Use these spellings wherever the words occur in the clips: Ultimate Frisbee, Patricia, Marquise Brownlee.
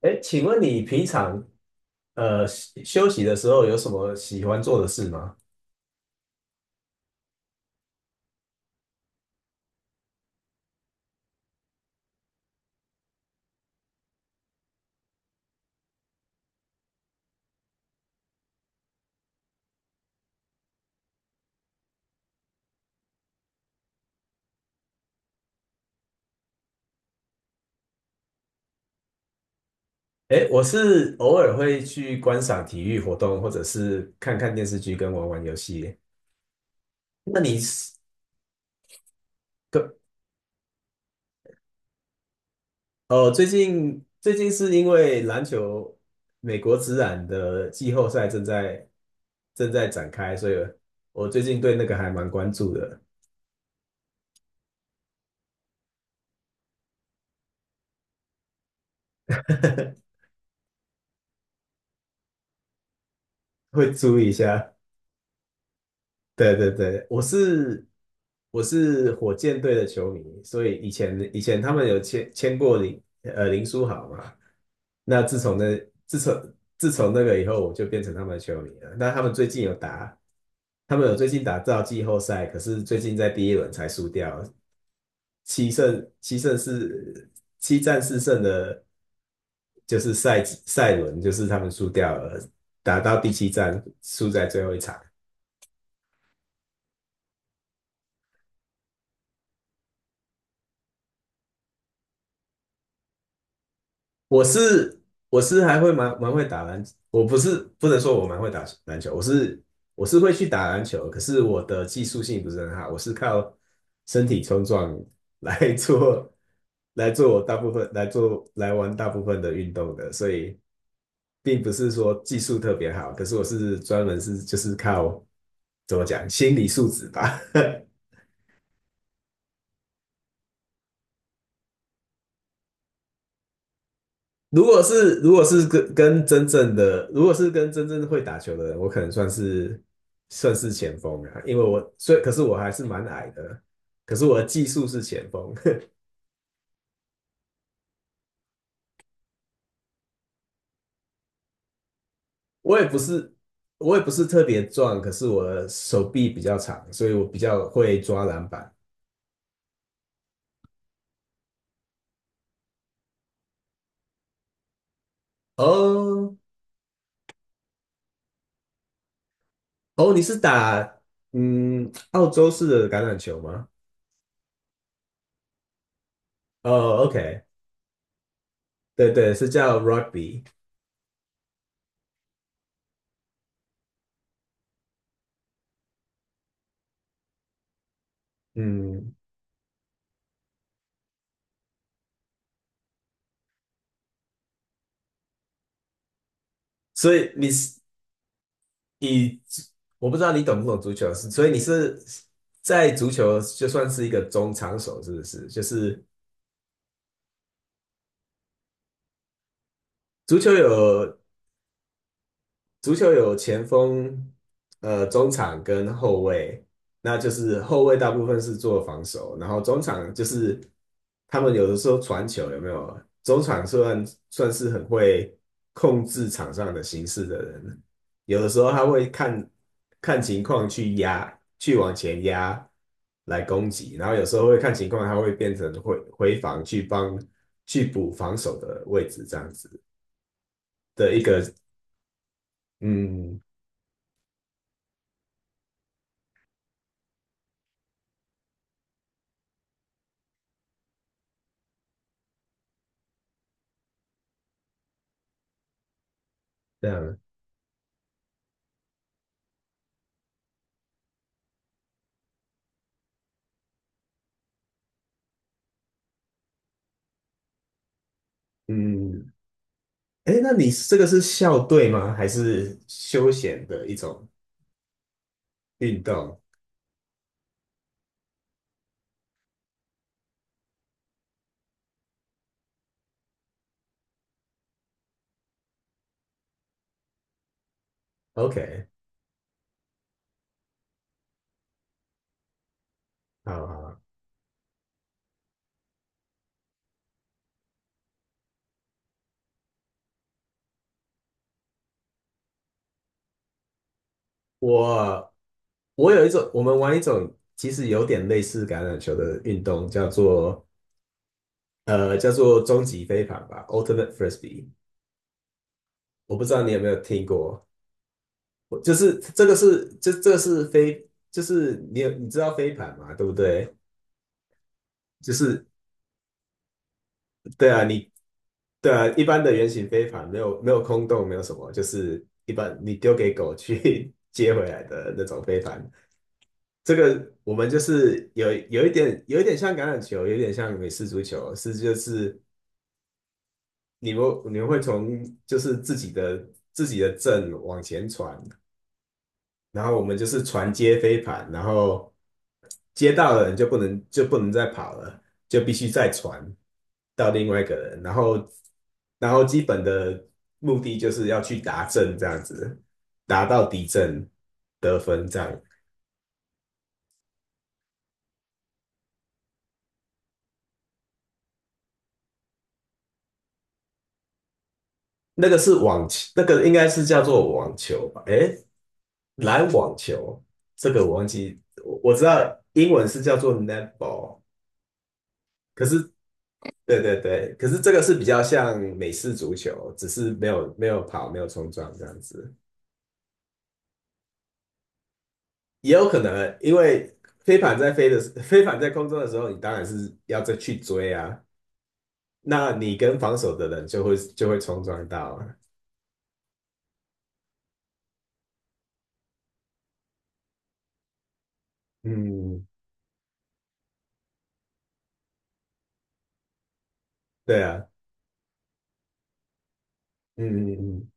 哎，请问你平常休息的时候有什么喜欢做的事吗？哎，我是偶尔会去观赏体育活动，或者是看看电视剧跟玩玩游戏。那你是，可哦，最近是因为篮球美国职篮的季后赛正在展开，所以我最近对那个还蛮关注的，会注意一下。对对对，我是火箭队的球迷，所以以前他们有签过林林书豪嘛，那自从那自从那个以后，我就变成他们的球迷了。那他们最近有打，他们有最近打到季后赛，可是最近在第一轮才输掉，七胜七胜四七战四胜的，就是赛季赛轮，就是他们输掉了，打到第七战输在最后一场。我是我是还会蛮蛮会打篮，我不是不能说我蛮会打篮球，我是会去打篮球，可是我的技术性不是很好，我是靠身体冲撞来 做大部分的运动的，所以并不是说技术特别好，可是我是专门是就是靠怎么讲心理素质吧，如果是跟真正会打球的人，我可能算是前锋啊，因为我所以可是我还是蛮矮的，可是我的技术是前锋，我也不是我也不是特别壮，可是我的手臂比较长，所以我比较会抓篮板。哦哦，你是打澳洲式的橄榄球吗？哦，OK，对对，是叫 rugby，嗯，所以你是你我不知道你懂不懂足球，是所以你是在足球就算是一个中场手，是不是？就是足球有足球有前锋、中场跟后卫，那就是后卫大部分是做防守，然后中场就是他们有的时候传球有没有？中场算算是很会控制场上的形势的人，有的时候他会看情况去压，去往前压来攻击，然后有时候会看情况，他会变成回防去帮去补防守的位置这样子的一个，嗯，这样。嗯，哎，那你这个是校队吗？还是休闲的一种运动？OK，好好，我我有一种，我们玩一种其实有点类似橄榄球的运动，叫做叫做终极飞盘吧，Ultimate Frisbee。我不知道你有没有听过，我就是这个是这个是飞，就是你知道飞盘嘛，对不对？就是对啊，对啊，一般的圆形飞盘没有空洞，没有什么，就是一般你丢给狗去 接回来的那种飞盘。这个我们就是有一点像橄榄球，有一点像美式足球，是就是你们会从就是自己的阵往前传，然后我们就是传接飞盘，然后接到的人就不能再跑了，就必须再传到另外一个人，然后基本的目的就是要去达阵这样子，达到敌阵得分这样。那个是网球，那个应该是叫做网球吧？诶，篮网球，这个我忘记，我知道英文是叫做 netball，可是对对对，可是这个是比较像美式足球，只是没有跑，没有冲撞这样子。也有可能，因为飞盘在空中的时候，你当然是要再去追啊，那你跟防守的人就会冲撞到啊。嗯，对啊，嗯嗯嗯，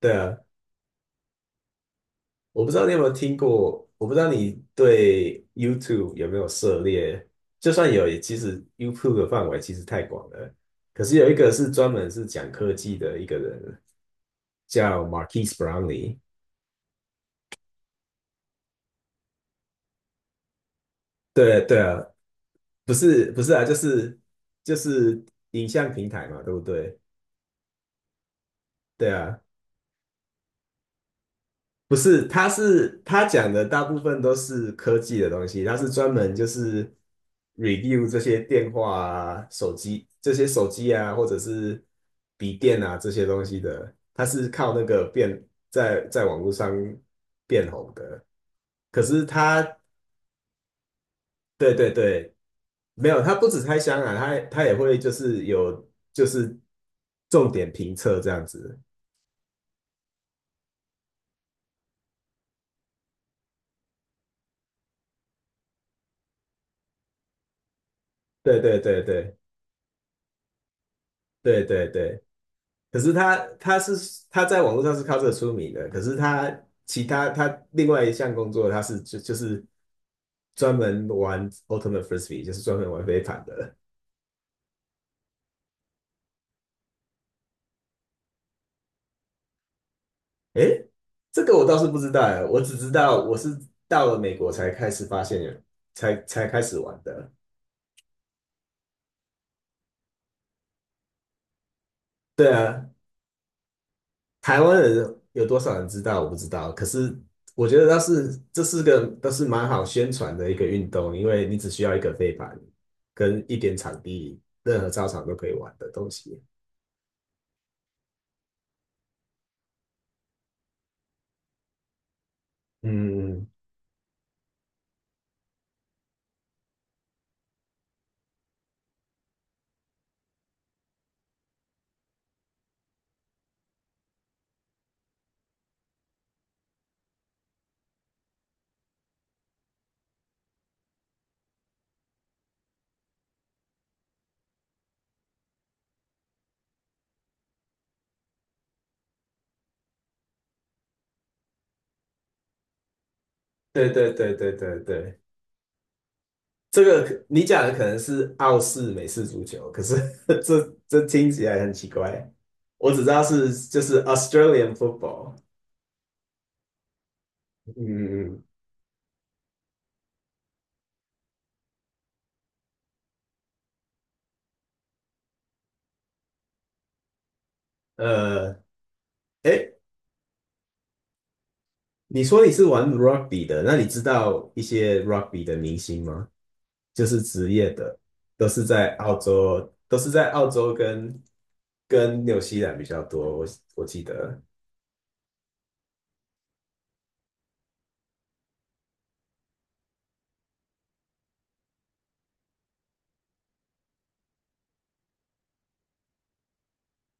对啊。我不知道你有没有听过，我不知道你对 YouTube 有没有涉猎。就算有，也其实 YouTube 的范围其实太广了。可是有一个是专门是讲科技的一个人，叫 Marquise Brownlee。对对啊，不是啊，就是就是影像平台嘛，对不对？对啊，不是，他讲的大部分都是科技的东西，他是专门就是 review 这些电话啊、手机这些手机啊，或者是笔电啊这些东西的，他是靠那个变在网络上变红的。可是他，对对对，没有，他不止开箱啊，他也会就是有就是重点评测这样子。对对对对对对对。可是他在网络上是靠这个出名的，可是他其他他另外一项工作他是就是专门玩 Ultimate Frisbee，就是专门玩飞盘的。诶，这个我倒是不知道哎，我只知道我是到了美国才开始发现有，才开始玩的。对啊，台湾人有多少人知道我不知道，可是我觉得倒是这都是蛮好宣传的一个运动，因为你只需要一个飞盘跟一点场地，任何操场都可以玩的东西。嗯，对对对对对对，这个你讲的可能是澳式美式足球，可是 这听起来很奇怪。我只知道就是 Australian football。嗯嗯嗯，诶，你说你是玩 rugby 的，那你知道一些 rugby 的明星吗？就是职业的，都是在澳洲，跟纽西兰比较多。我记得，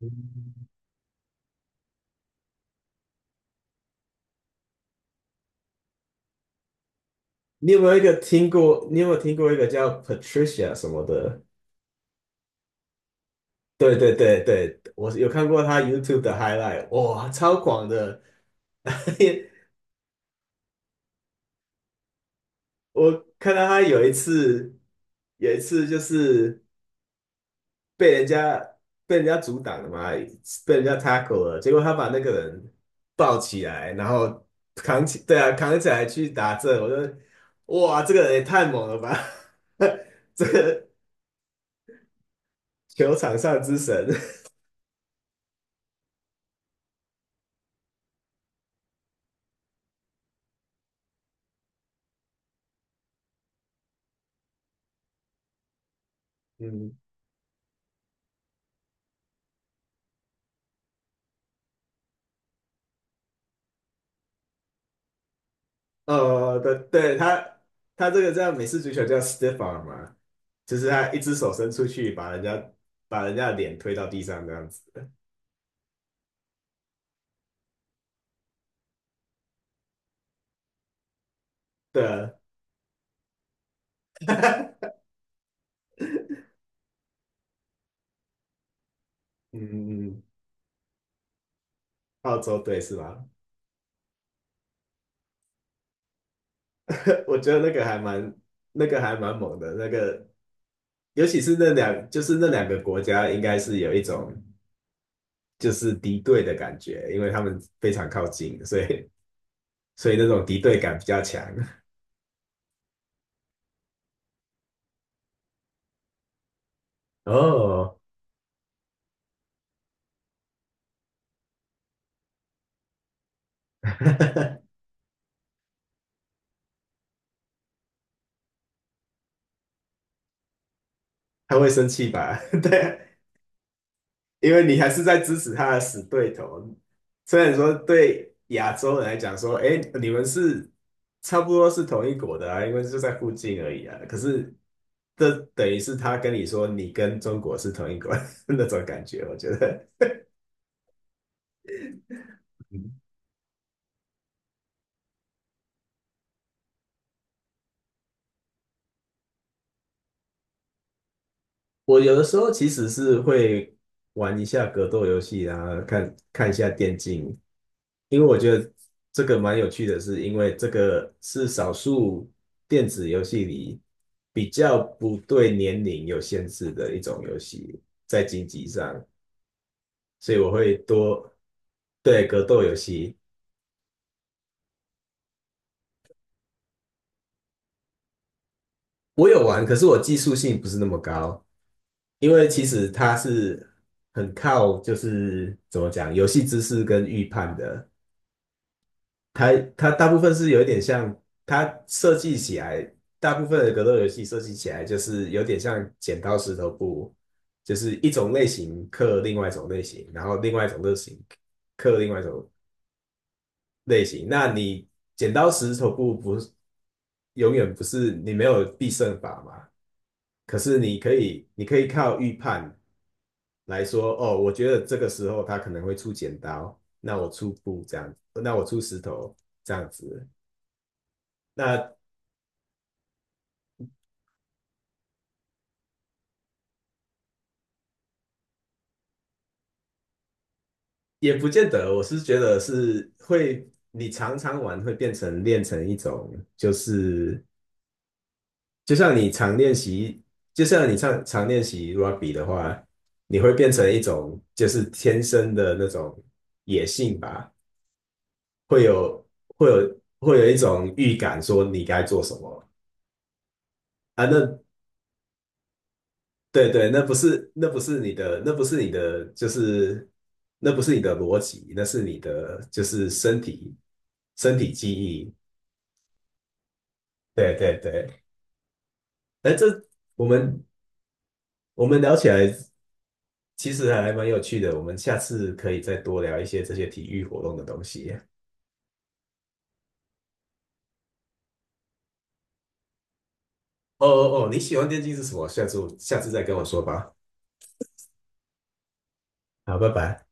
嗯，你有没有一个听过？你有没有听过一个叫 Patricia 什么的？对对对对，我有看过他 YouTube 的 highlight，哇，超广的！我看到他有一次，有一次就是被人家阻挡了嘛，被人家 tackle 了，结果他把那个人抱起来，然后扛起，对啊，扛起来去打这，我就哇，这个人也太猛了吧，这个球场上之神，嗯，对，对，他这个叫美式足球叫 stiff arm 嘛，就是他一只手伸出去，把人家的脸推到地上这样子，对啊，嗯嗯嗯，澳洲队是吧？我觉得那个还蛮猛的，那个尤其是就是那两个国家应该是有一种就是敌对的感觉，因为他们非常靠近，所以那种敌对感比较强。哦，他会生气吧？对啊，因为你还是在支持他的死对头。虽然说对亚洲人来讲说，哎，你们是差不多是同一国的啊，因为就在附近而已啊。可是这等于是他跟你说，你跟中国是同一国 那种感觉，我觉得。我有的时候其实是会玩一下格斗游戏啊，看看一下电竞，因为我觉得这个蛮有趣的是，因为这个是少数电子游戏里比较不对年龄有限制的一种游戏，在经济上，所以我会多，对，格斗游戏，我有玩，可是我技术性不是那么高，因为其实它是很靠就是怎么讲，游戏知识跟预判的。它它大部分是有一点像，它设计起来，大部分的格斗游戏设计起来就是有点像剪刀石头布，就是一种类型克另外一种类型，然后另外一种类型克另外一种类型。那你剪刀石头布不是永远不是你没有必胜法嘛？可是你可以靠预判来说，哦，我觉得这个时候他可能会出剪刀，那我出布这样，子，那我出石头这样子。那也不见得，我是觉得是会，你常常玩会变成练成一种，就像你常练习，就像你常常练习 rugby 的话，你会变成一种就是天生的那种野性吧，会有会有一种预感说你该做什么啊？那对对，那不是你的，就是那不是你的逻辑，那是你的就是身体记忆。对对对，哎，我们我们聊起来其实还蛮有趣的，我们下次可以再多聊一些这些体育活动的东西。哦哦哦，你喜欢电竞是什么？下次再跟我说吧。好，拜拜。